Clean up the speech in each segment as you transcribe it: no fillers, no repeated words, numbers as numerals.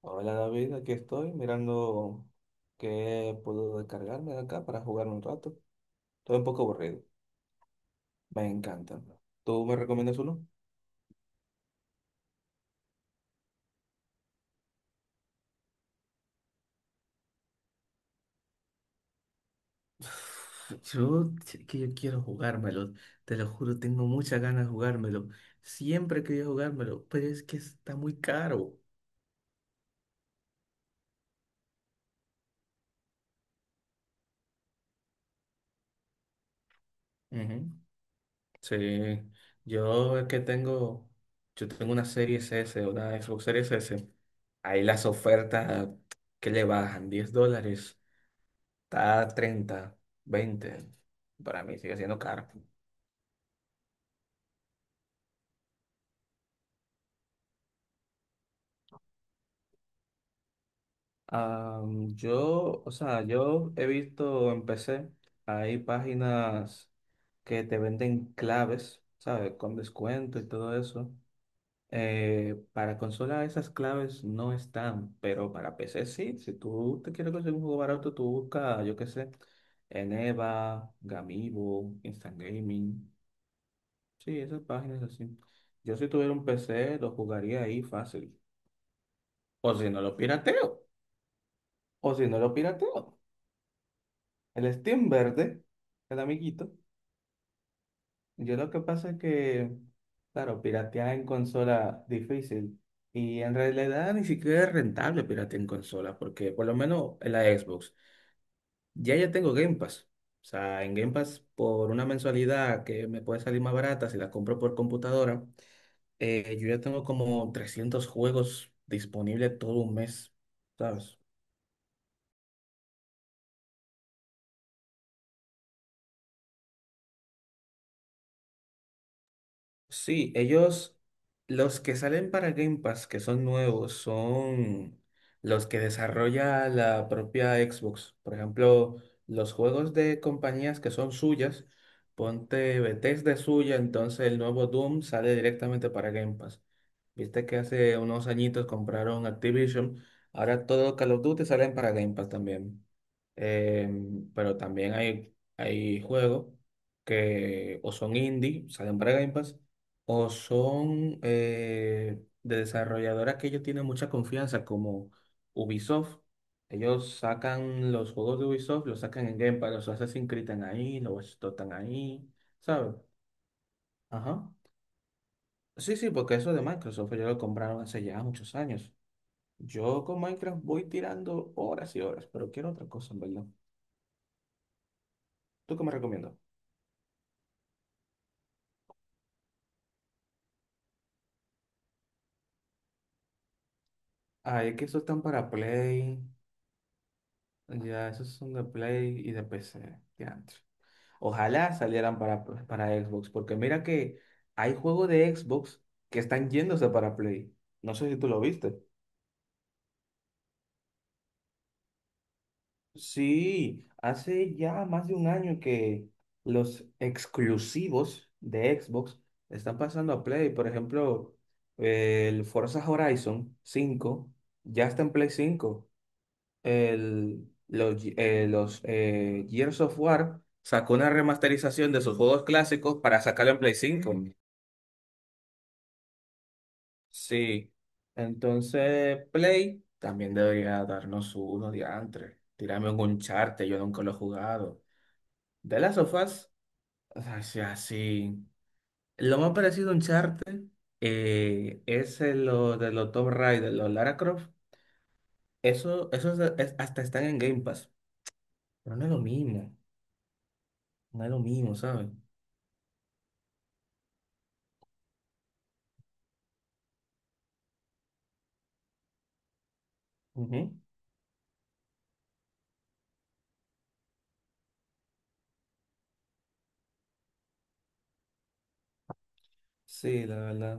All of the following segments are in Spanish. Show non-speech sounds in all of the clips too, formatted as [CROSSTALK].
Hola David, aquí estoy mirando qué puedo descargarme de acá para jugar un rato. Estoy un poco aburrido, me encanta. ¿Tú me recomiendas uno? [LAUGHS] Yo, que yo quiero jugármelo, te lo juro, tengo muchas ganas de jugármelo. Siempre quería jugármelo, pero es que está muy caro. Ujú. Sí, yo es que tengo, yo tengo una Series S, una Xbox Series S. Ahí las ofertas que le bajan $10. Está a 30, 20. Para mí sigue siendo caro. Ah, yo, o sea, yo he visto en PC, hay páginas que te venden claves, ¿sabes? Con descuento y todo eso. Para consola esas claves no están, pero para PC sí. Si tú te quieres conseguir un juego barato, tú buscas, yo qué sé, en EVA, Gamigo, Instant Gaming. Sí, esas páginas así. Yo si tuviera un PC lo jugaría ahí fácil. O si no lo pirateo. O si no lo pirateo. El Steam Verde, el amiguito. Yo lo que pasa es que, claro, piratear en consola difícil. Y en realidad ni siquiera es rentable piratear en consola, porque por lo menos en la Xbox. Ya tengo Game Pass. O sea, en Game Pass por una mensualidad que me puede salir más barata si la compro por computadora, yo ya tengo como 300 juegos disponibles todo un mes, ¿sabes? Sí, ellos, los que salen para Game Pass, que son nuevos, son los que desarrolla la propia Xbox. Por ejemplo, los juegos de compañías que son suyas, ponte Bethesda es suya, entonces el nuevo Doom sale directamente para Game Pass. Viste que hace unos añitos compraron Activision, ahora todo Call of Duty salen para Game Pass también. Pero también hay juegos que o son indie, salen para Game Pass o son de desarrolladoras que ellos tienen mucha confianza, como Ubisoft. Ellos sacan los juegos de Ubisoft, los sacan en Game Pass, los Assassin's Creed están ahí, los Watch Dogs están ahí, ¿sabes? Ajá. Sí, sí, porque eso de Microsoft ellos lo compraron hace ya muchos años. Yo con Minecraft voy tirando horas y horas, pero quiero otra cosa, en verdad. ¿Tú qué me recomiendas? Ah, es que esos están para Play. Ya, esos son de Play y de PC. De antes. Ojalá salieran para Xbox, porque mira que hay juegos de Xbox que están yéndose para Play. No sé si tú lo viste. Sí, hace ya más de un año que los exclusivos de Xbox están pasando a Play. Por ejemplo, el Forza Horizon 5 ya está en Play 5. Los Gears of War sacó una remasterización de sus juegos clásicos para sacarlo en Play 5. Sí, entonces Play también debería darnos uno diantre. Tirarme un Uncharted, yo nunca lo he jugado. De las sofás, o sea, sí. Así, lo más parecido a Uncharted es lo de los Tomb Raider, los Lara Croft. Eso, hasta están en Game Pass. Pero no es lo mismo, no es lo mismo, ¿sabes? Ujú. Sí, la verdad.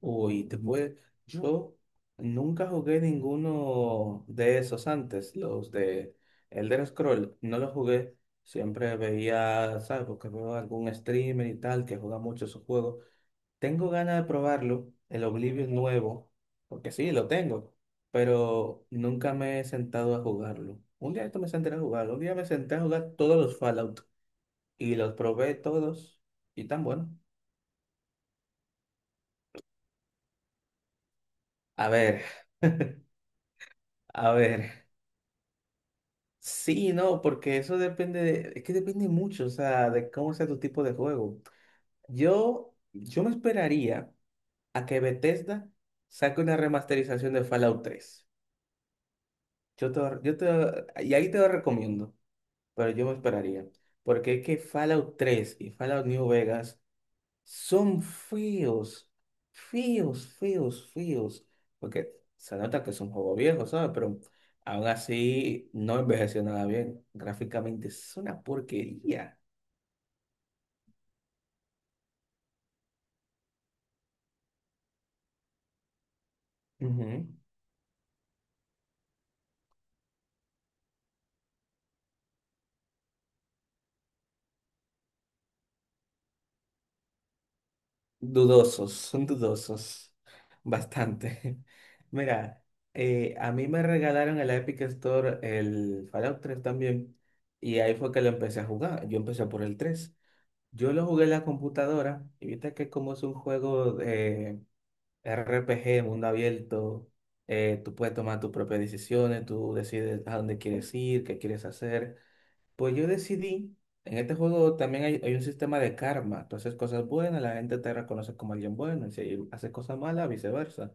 Uy, te puede... Yo nunca jugué ninguno de esos antes, los de Elder Scroll, no los jugué. Siempre veía, ¿sabes? Porque veo algún streamer y tal que juega mucho esos juegos. Tengo ganas de probarlo, el Oblivion nuevo, porque sí, lo tengo, pero nunca me he sentado a jugarlo. Un día esto me senté a jugarlo, un día me senté a jugar todos los Fallout y los probé todos y tan bueno. A ver, a ver. Sí, no, porque eso depende de, es que depende mucho, o sea, de cómo sea tu tipo de juego. Yo me esperaría a que Bethesda saque una remasterización de Fallout 3. Y ahí te lo recomiendo, pero yo me esperaría, porque es que Fallout 3 y Fallout New Vegas son feos, feos, feos, feos. Porque se nota que es un juego viejo, ¿sabes? Pero aún así no envejeció nada bien. Gráficamente es una porquería. Ujú. Dudosos, son dudosos. Bastante. [LAUGHS] Mira, a mí me regalaron el Epic Store el Fallout 3 también. Y ahí fue que lo empecé a jugar. Yo empecé por el 3. Yo lo jugué en la computadora. Y viste que como es un juego RPG, de mundo abierto, tú puedes tomar tus propias decisiones, tú decides a dónde quieres ir, qué quieres hacer. Pues yo decidí, en este juego también hay, un sistema de karma, tú haces cosas buenas, la gente te reconoce como alguien bueno, y si haces cosas malas, viceversa.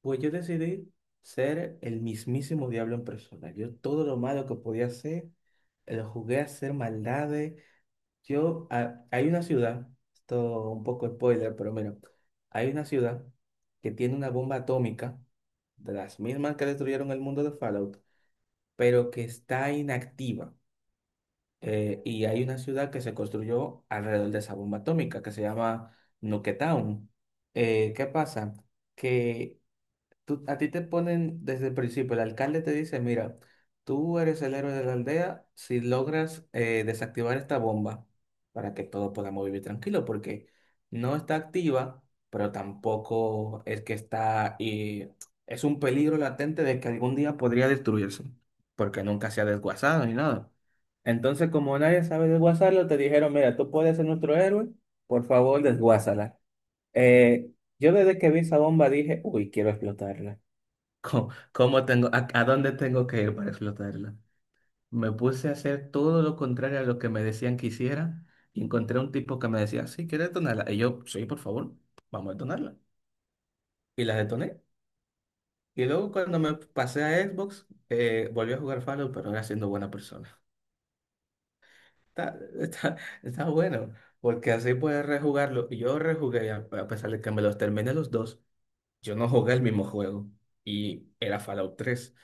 Pues yo decidí ser el mismísimo diablo en persona. Yo todo lo malo que podía hacer, lo jugué a hacer maldades, hay una ciudad, esto un poco spoiler, pero mira, hay una ciudad que tiene una bomba atómica, de las mismas que destruyeron el mundo de Fallout, pero que está inactiva. Y hay una ciudad que se construyó alrededor de esa bomba atómica, que se llama Nuketown. ¿Qué pasa? Que a ti te ponen desde el principio, el alcalde te dice, mira, tú eres el héroe de la aldea si logras desactivar esta bomba para que todos podamos vivir tranquilos, porque no está activa, pero tampoco es que está, y es un peligro latente de que algún día podría destruirse, porque nunca se ha desguazado ni nada. Entonces, como nadie sabe desguazarlo, te dijeron, mira, tú puedes ser nuestro héroe, por favor, desguázala. Eh, yo desde que vi esa bomba dije, uy, quiero explotarla. ¿Cómo tengo, a dónde tengo que ir para explotarla? Me puse a hacer todo lo contrario a lo que me decían que hiciera y encontré un tipo que me decía, sí, ¿quieres detonarla? Y yo, sí, por favor, vamos a detonarla. Y la detoné. Y luego cuando me pasé a Xbox, volví a jugar Fallout, pero no era siendo buena persona. Está, está, está bueno, porque así puedes rejugarlo. Y yo rejugué, a pesar de que me los terminé los dos, yo no jugué el mismo juego. Y era Fallout 3.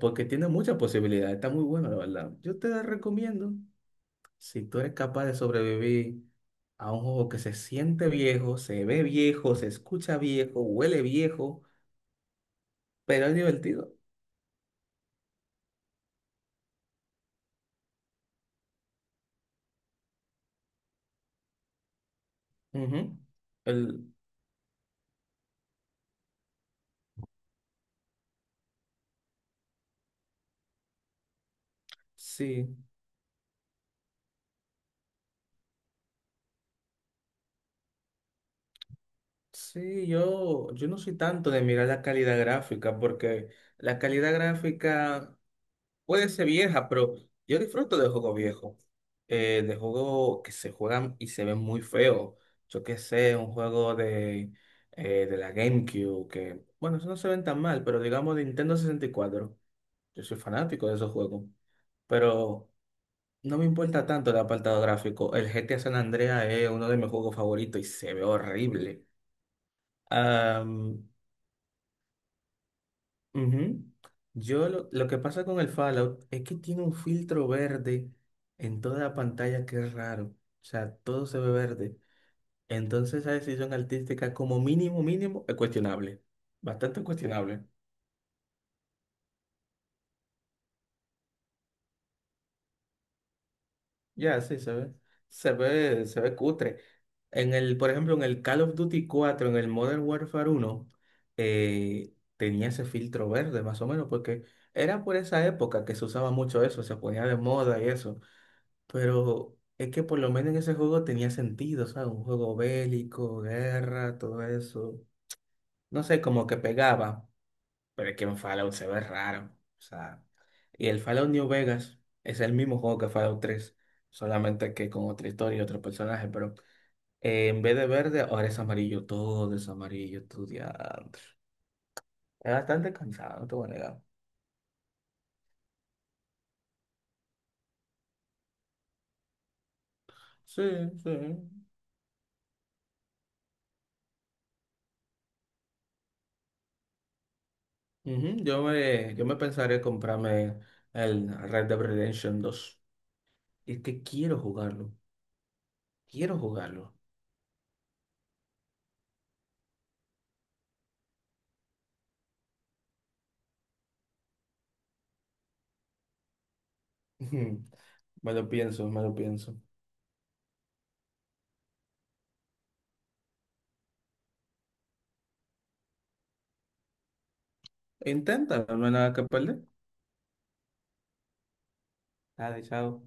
Porque tiene muchas posibilidades, está muy bueno, la verdad. Yo te la recomiendo, si tú eres capaz de sobrevivir a un juego que se siente viejo, se ve viejo, se escucha viejo, huele viejo, pero es divertido. Ujú. El, sí, sí, yo no soy tanto de mirar la calidad gráfica, porque la calidad gráfica puede ser vieja, pero yo disfruto de juegos viejos, de juegos que se juegan y se ven muy feos. Yo qué sé, un juego de la GameCube, que, bueno, eso no se ven tan mal, pero digamos de Nintendo 64. Yo soy fanático de esos juegos, pero no me importa tanto el apartado gráfico. El GTA San Andreas es uno de mis juegos favoritos y se ve horrible. Ujú. Yo lo que pasa con el Fallout es que tiene un filtro verde en toda la pantalla que es raro. O sea, todo se ve verde. Entonces esa decisión artística como mínimo, mínimo, es cuestionable. Bastante cuestionable. Ya, sí, se ve. Se ve, se ve cutre. En el, por ejemplo, en el Call of Duty 4 en el Modern Warfare 1 tenía ese filtro verde, más o menos, porque era por esa época que se usaba mucho eso, se ponía de moda y eso. Pero es que por lo menos en ese juego tenía sentido, ¿sabes? Un juego bélico, guerra, todo eso. No sé, como que pegaba, pero es que en Fallout se ve raro. O sea, y el Fallout New Vegas es el mismo juego que Fallout 3, solamente que con otra historia y otro personaje, pero en vez de verde, ahora es amarillo, todo es amarillo, estudiante. Es bastante cansado, no te voy a negar. Sí, sí. Ujú. Yo me pensaré comprarme el Red Dead Redemption 2. Es que quiero jugarlo. Quiero jugarlo. [LAUGHS] Ujú. Me lo pienso, me lo pienso. Intenta, no hay nada que perder. Dale, chao.